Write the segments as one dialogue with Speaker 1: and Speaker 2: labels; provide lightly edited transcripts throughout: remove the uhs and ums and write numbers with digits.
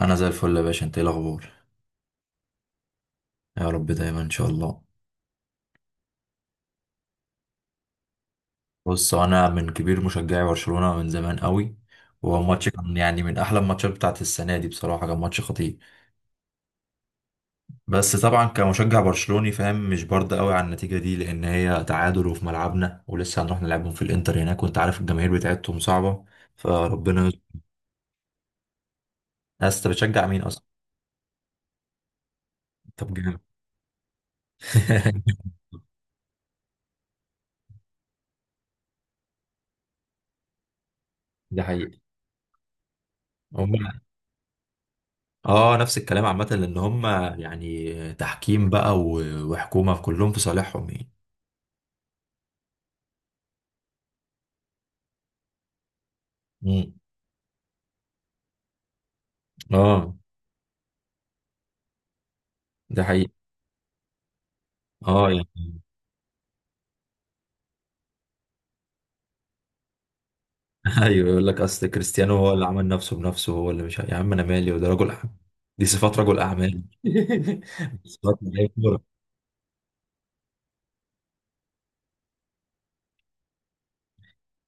Speaker 1: انا زي الفل يا باشا، انت ايه الاخبار؟ يا رب دايما ان شاء الله. بص، انا من كبير مشجعي برشلونة من زمان قوي. وهو ماتش كان يعني من احلى الماتشات بتاعت السنه دي، بصراحه كان ماتش خطير. بس طبعا كمشجع برشلوني فاهم مش برد قوي على النتيجه دي، لان هي تعادل وفي ملعبنا ولسه هنروح نلعبهم في الانتر هناك، وانت عارف الجماهير بتاعتهم صعبه، فربنا يستر. بس انت بتشجع مين اصلا؟ طب جامد. ده حقيقي. امال. اه، نفس الكلام عامة لأن هم يعني تحكيم بقى و- وحكومة كلهم في صالحهم يعني. مم. اه. ده حقيقي. اه يعني. ايوه، يقول لك اصل كريستيانو هو اللي عمل نفسه بنفسه، هو اللي مش ع- يا عم انا مالي، وده رجل اعمال. دي صفات رجل اعمال. صفات لعيب كورة.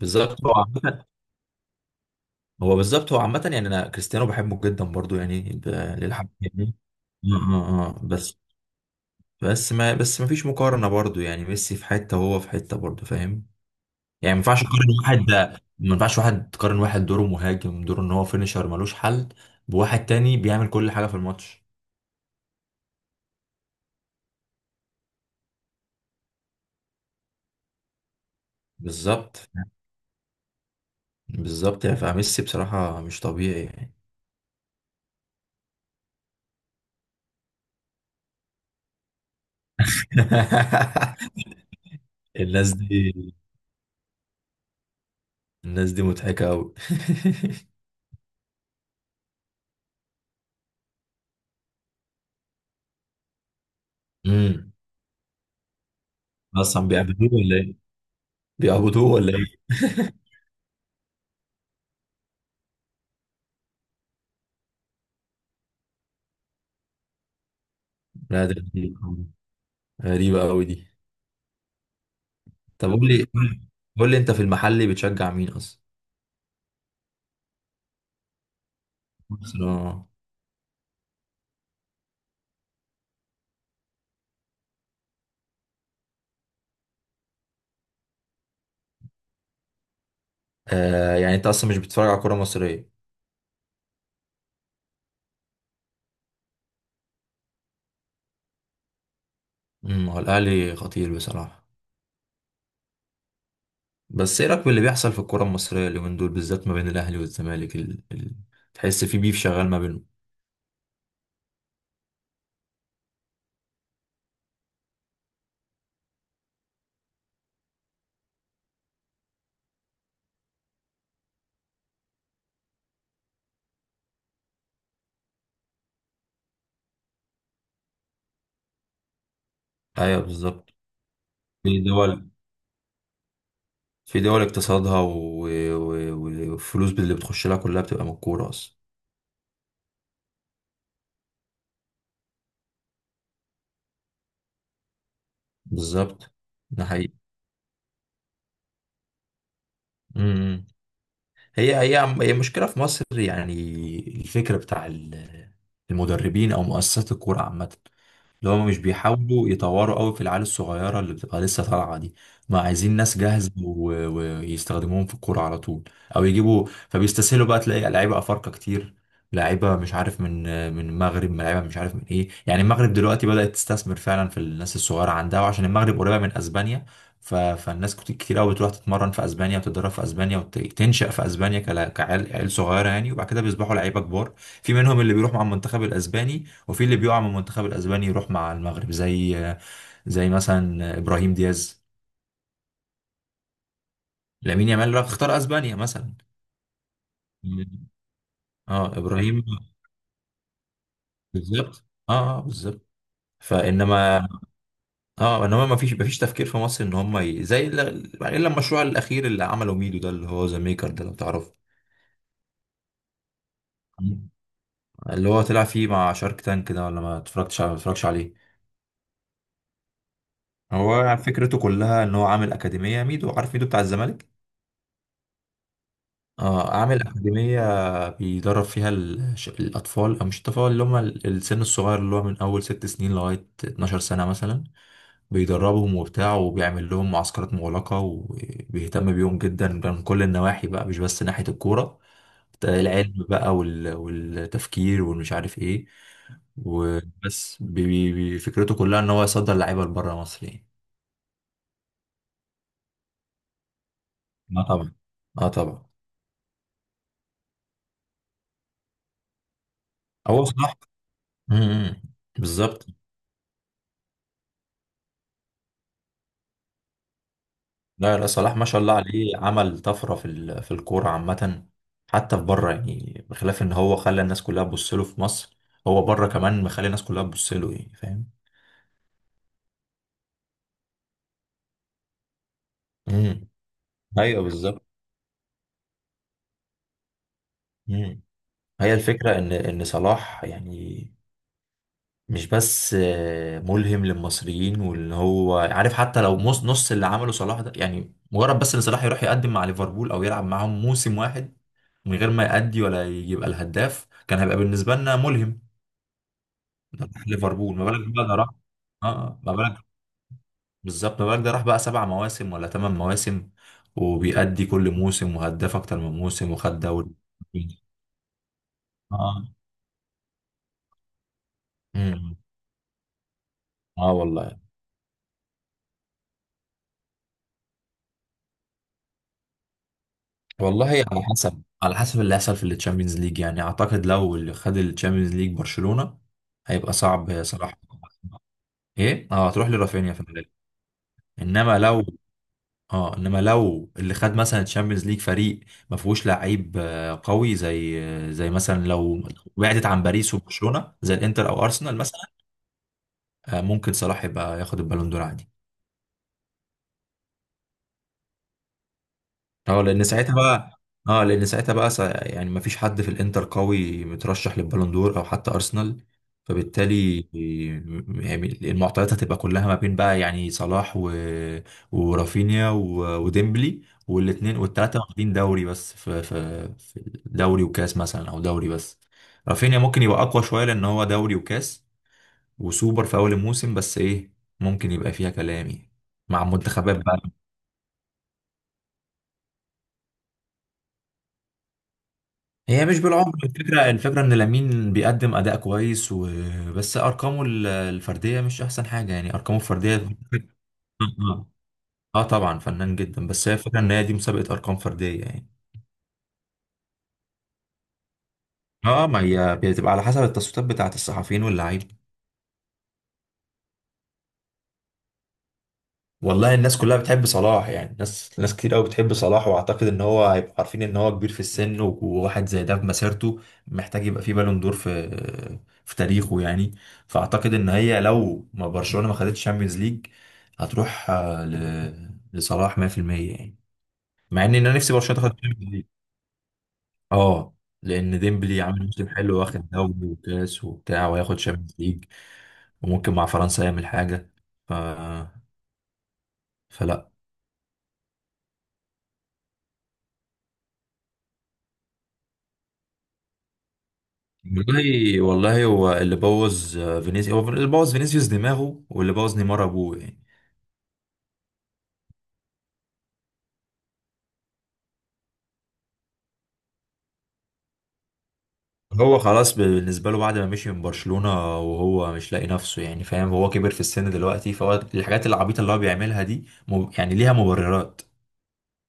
Speaker 1: بالظبط. هو عامة، هو بالظبط، هو عامة يعني انا كريستيانو بحبه جدا برضو يعني للحق يعني. بس. بس ما فيش مقارنة برضو، يعني ميسي في حتة وهو في حتة برضو، فاهم؟ يعني ما ينفعش تقارن واحد. ما ينفعش تقارن واحد دوره مهاجم، دوره ان هو فينيشر ملوش حل، بواحد تاني بيعمل كل حاجة في الماتش. بالظبط. بالظبط يعني، فميسي بصراحة مش طبيعي يعني. الناس دي الناس دي مضحكة أوي. امم أصلا بيعبدوه ولا إيه؟ بيعبدوه ولا إيه؟ لا، ده غريب أوي. غريبة أوي دي. طب قول لي قول لي أنت في المحل بتشجع مين أصلا؟ برشلونة. آه، يعني أنت أصلا مش بتتفرج على كورة مصرية. هو الاهلي خطير بصراحه. بس ايه رايك باللي بيحصل في الكره المصريه اليومين دول بالذات، ما بين الاهلي والزمالك؟ تحس في بيف شغال ما بينهم. ايوه بالظبط. في دول في دول اقتصادها و- و- و- والفلوس اللي بتخش لها كلها بتبقى من الكوره اصلا. بالظبط. ده حقيقي. امم هي مشكله في مصر يعني. الفكره بتاع المدربين او مؤسسات الكوره عامه، اللي هم مش بيحاولوا يطوروا قوي في العيال الصغيره اللي بتبقى لسه طالعه دي. ما عايزين ناس جاهزه ويستخدموهم في الكوره على طول، او يجيبوا، فبيستسهلوا بقى تلاقي لعيبه افارقه كتير، لعيبه مش عارف من، من المغرب، لعيبه مش عارف من ايه يعني. المغرب دلوقتي بدات تستثمر فعلا في الناس الصغيره عندها، وعشان المغرب قريبه من اسبانيا، ف... فالناس كتير قوي بتروح تتمرن في اسبانيا وتتدرب في اسبانيا وتنشأ في اسبانيا كعيال، عيال صغيره يعني، وبعد كده بيصبحوا لعيبه كبار. في منهم اللي بيروح مع المنتخب الاسباني، وفي اللي بيقع من المنتخب الاسباني يروح مع المغرب، زي، زي مثلا ابراهيم دياز. لامين يامال راح اختار اسبانيا مثلا. اه ابراهيم. بالظبط. اه بالظبط. فانما، اه انما ما فيش تفكير في مصر ان هم زي يعني، الا المشروع الاخير اللي عمله ميدو ده، اللي هو ذا ميكر ده، لو تعرفه. اللي هو طلع فيه مع شارك تانك ده، ولا ما اتفرجتش، ما اتفرجتش عليه. هو فكرته كلها ان هو عامل اكاديميه ميدو، عارف ميدو بتاع الزمالك. اه اعمل اكاديميه، بيدرب فيها الاطفال، او مش الاطفال، اللي هم السن الصغير، اللي هو من اول ست سنين لغايه 12 سنه مثلا. بيدربهم وبتاع، وبيعمل لهم معسكرات مغلقه، وبيهتم بيهم جدا من كل النواحي بقى، مش بس ناحيه الكوره. العلم بقى وال- والتفكير والمش عارف ايه. وبس فكرته كلها ان هو يصدر لعيبه لبره مصر يعني. اه طبعا. اه طبعا. هو صح. امم. بالظبط. لا لا، صلاح ما شاء الله عليه، عمل طفرة في في الكورة عامة، حتى في بره يعني، بخلاف ان هو خلى الناس كلها تبص له في مصر، هو بره كمان مخلي الناس كلها تبص له يعني، فاهم؟ امم. ايوه بالظبط. امم. هي الفكرة ان صلاح يعني مش بس آه، ملهم للمصريين، وان هو عارف حتى لو نص اللي عمله صلاح ده، يعني مجرد بس ان صلاح يروح يقدم مع ليفربول او يلعب معاهم موسم واحد، من غير ما يأدي ولا يبقى الهداف، كان هيبقى بالنسبة لنا ملهم. ده راح ليفربول، ما بالك بقى، ده راح. اه آه، ما بالك. بالظبط ما بالك، ده راح بقى سبع مواسم ولا ثمان مواسم، وبيأدي كل موسم، وهداف اكتر من موسم، وخد دوري. اه. امم. اه والله. والله على حسب، على حسب اللي هيحصل في التشامبيونز ليج يعني. اعتقد لو اللي خد التشامبيونز ليج برشلونة، هيبقى صعب صراحة. ايه اه، هتروح لرافينيا في الغالب. انما لو، اه انما لو اللي خد مثلا تشامبيونز ليج فريق ما فيهوش لعيب آه، قوي، زي، زي مثلا لو بعدت عن باريس وبرشلونه، زي الانتر او ارسنال مثلا، آه، ممكن صلاح يبقى ياخد البالون دور عادي. اه لان ساعتها بقى، يعني ما فيش حد في الانتر قوي مترشح للبالون دور او حتى ارسنال، فبالتالي، يعني المعطيات هتبقى كلها ما بين بقى، يعني صلاح و... ورافينيا و... وديمبلي، والاثنين والثلاثه واخدين دوري بس، في في في دوري وكاس مثلا، او دوري بس. رافينيا ممكن يبقى اقوى شويه، لان هو دوري وكاس وسوبر في اول الموسم، بس ايه، ممكن يبقى فيها كلام يعني، مع منتخبات. هي مش بالعمر الفكرة، الفكرة ان لامين بيقدم اداء كويس وبس، ارقامه الفردية مش احسن حاجة يعني، ارقامه الفردية. اه آه، آه طبعا فنان جدا، بس هي الفكرة ان هي دي مسابقة ارقام فردية يعني. اه، ما هي بتبقى على حسب التصويتات بتاعة الصحفيين واللعيبة. والله الناس كلها بتحب صلاح يعني، ناس، ناس كتير قوي بتحب صلاح، واعتقد ان هو هيبقوا عارفين ان هو كبير في السن، و- وواحد زي ده في مسيرته محتاج يبقى فيه بالون دور في، في تاريخه يعني. فاعتقد ان هي لو ما برشلونة ما خدتش شامبيونز ليج، هتروح آه، ل... لصلاح 100%، يعني، مع ان انا نفسي برشلونة تاخد شامبيونز ليج. اه، لان ديمبلي عامل موسم حلو، واخد دوري وكاس وبتاع، وياخد شامبيونز ليج، وممكن مع فرنسا يعمل حاجة. ف... فلا، والله، والله هو اللي بوظ آه، فينيسيوس، هو اللي بوظ فينيسيوس دماغه، واللي بوظ نيمار ابوه يعني. هو خلاص بالنسبه له بعد ما مشي من برشلونه، وهو مش لاقي نفسه يعني، فاهم؟ هو كبر في السن دلوقتي، فهو الحاجات العبيطه اللي هو بيعملها دي يعني ليها مبررات.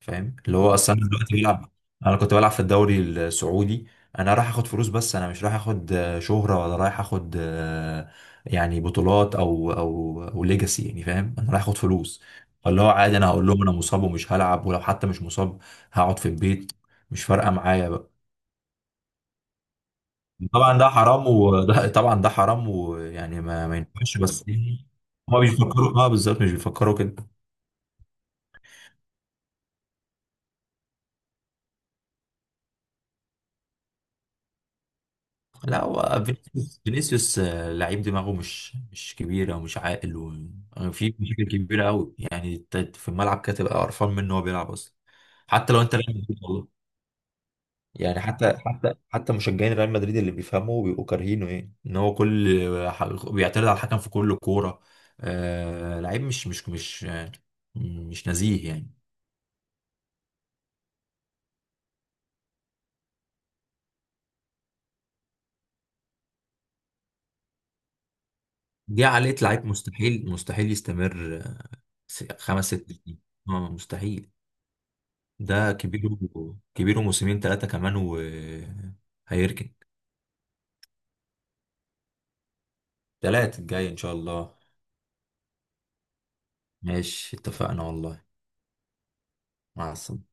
Speaker 1: فاهم، اللي هو اصلا انا دلوقتي بلعب، انا كنت بلعب في الدوري السعودي، انا رايح اخد فلوس، بس انا مش رايح اخد آه، شهرة، ولا رايح اخد آه، يعني بطولات، او ليجاسي يعني، فاهم؟ انا رايح اخد فلوس. فاللي هو عادي، انا هقول لهم انا مصاب ومش هلعب، ولو حتى مش مصاب هقعد في البيت، مش فارقة معايا بقى. طبعا ده حرام، وده طبعا ده حرام، ويعني ما ينفعش بس يعني. هما مش بيفكروا، اه بالظبط مش بيفكروا كده. لا، هو فينيسيوس آه، لعيب دماغه مش كبيرة ومش عاقل، وفي مشاكل كبيرة قوي يعني، انت في الملعب كده تبقى قرفان منه وهو بيلعب اصلا، حتى لو انت ريال مدريد والله. يعني حتى مشجعين ريال مدريد اللي بيفهموا بيبقوا كارهينه، ايه ان هو كل بيعترض على الحكم في كل كورة، آه لعيب مش نزيه يعني. دي عقلية لعيب، مستحيل، خمس ست سنين. اه مستحيل. ده كبير، كبير، وموسمين ثلاثة كمان وهيركن. تلاتة الجاي إن شاء الله. ماشي اتفقنا والله. مع السلامة.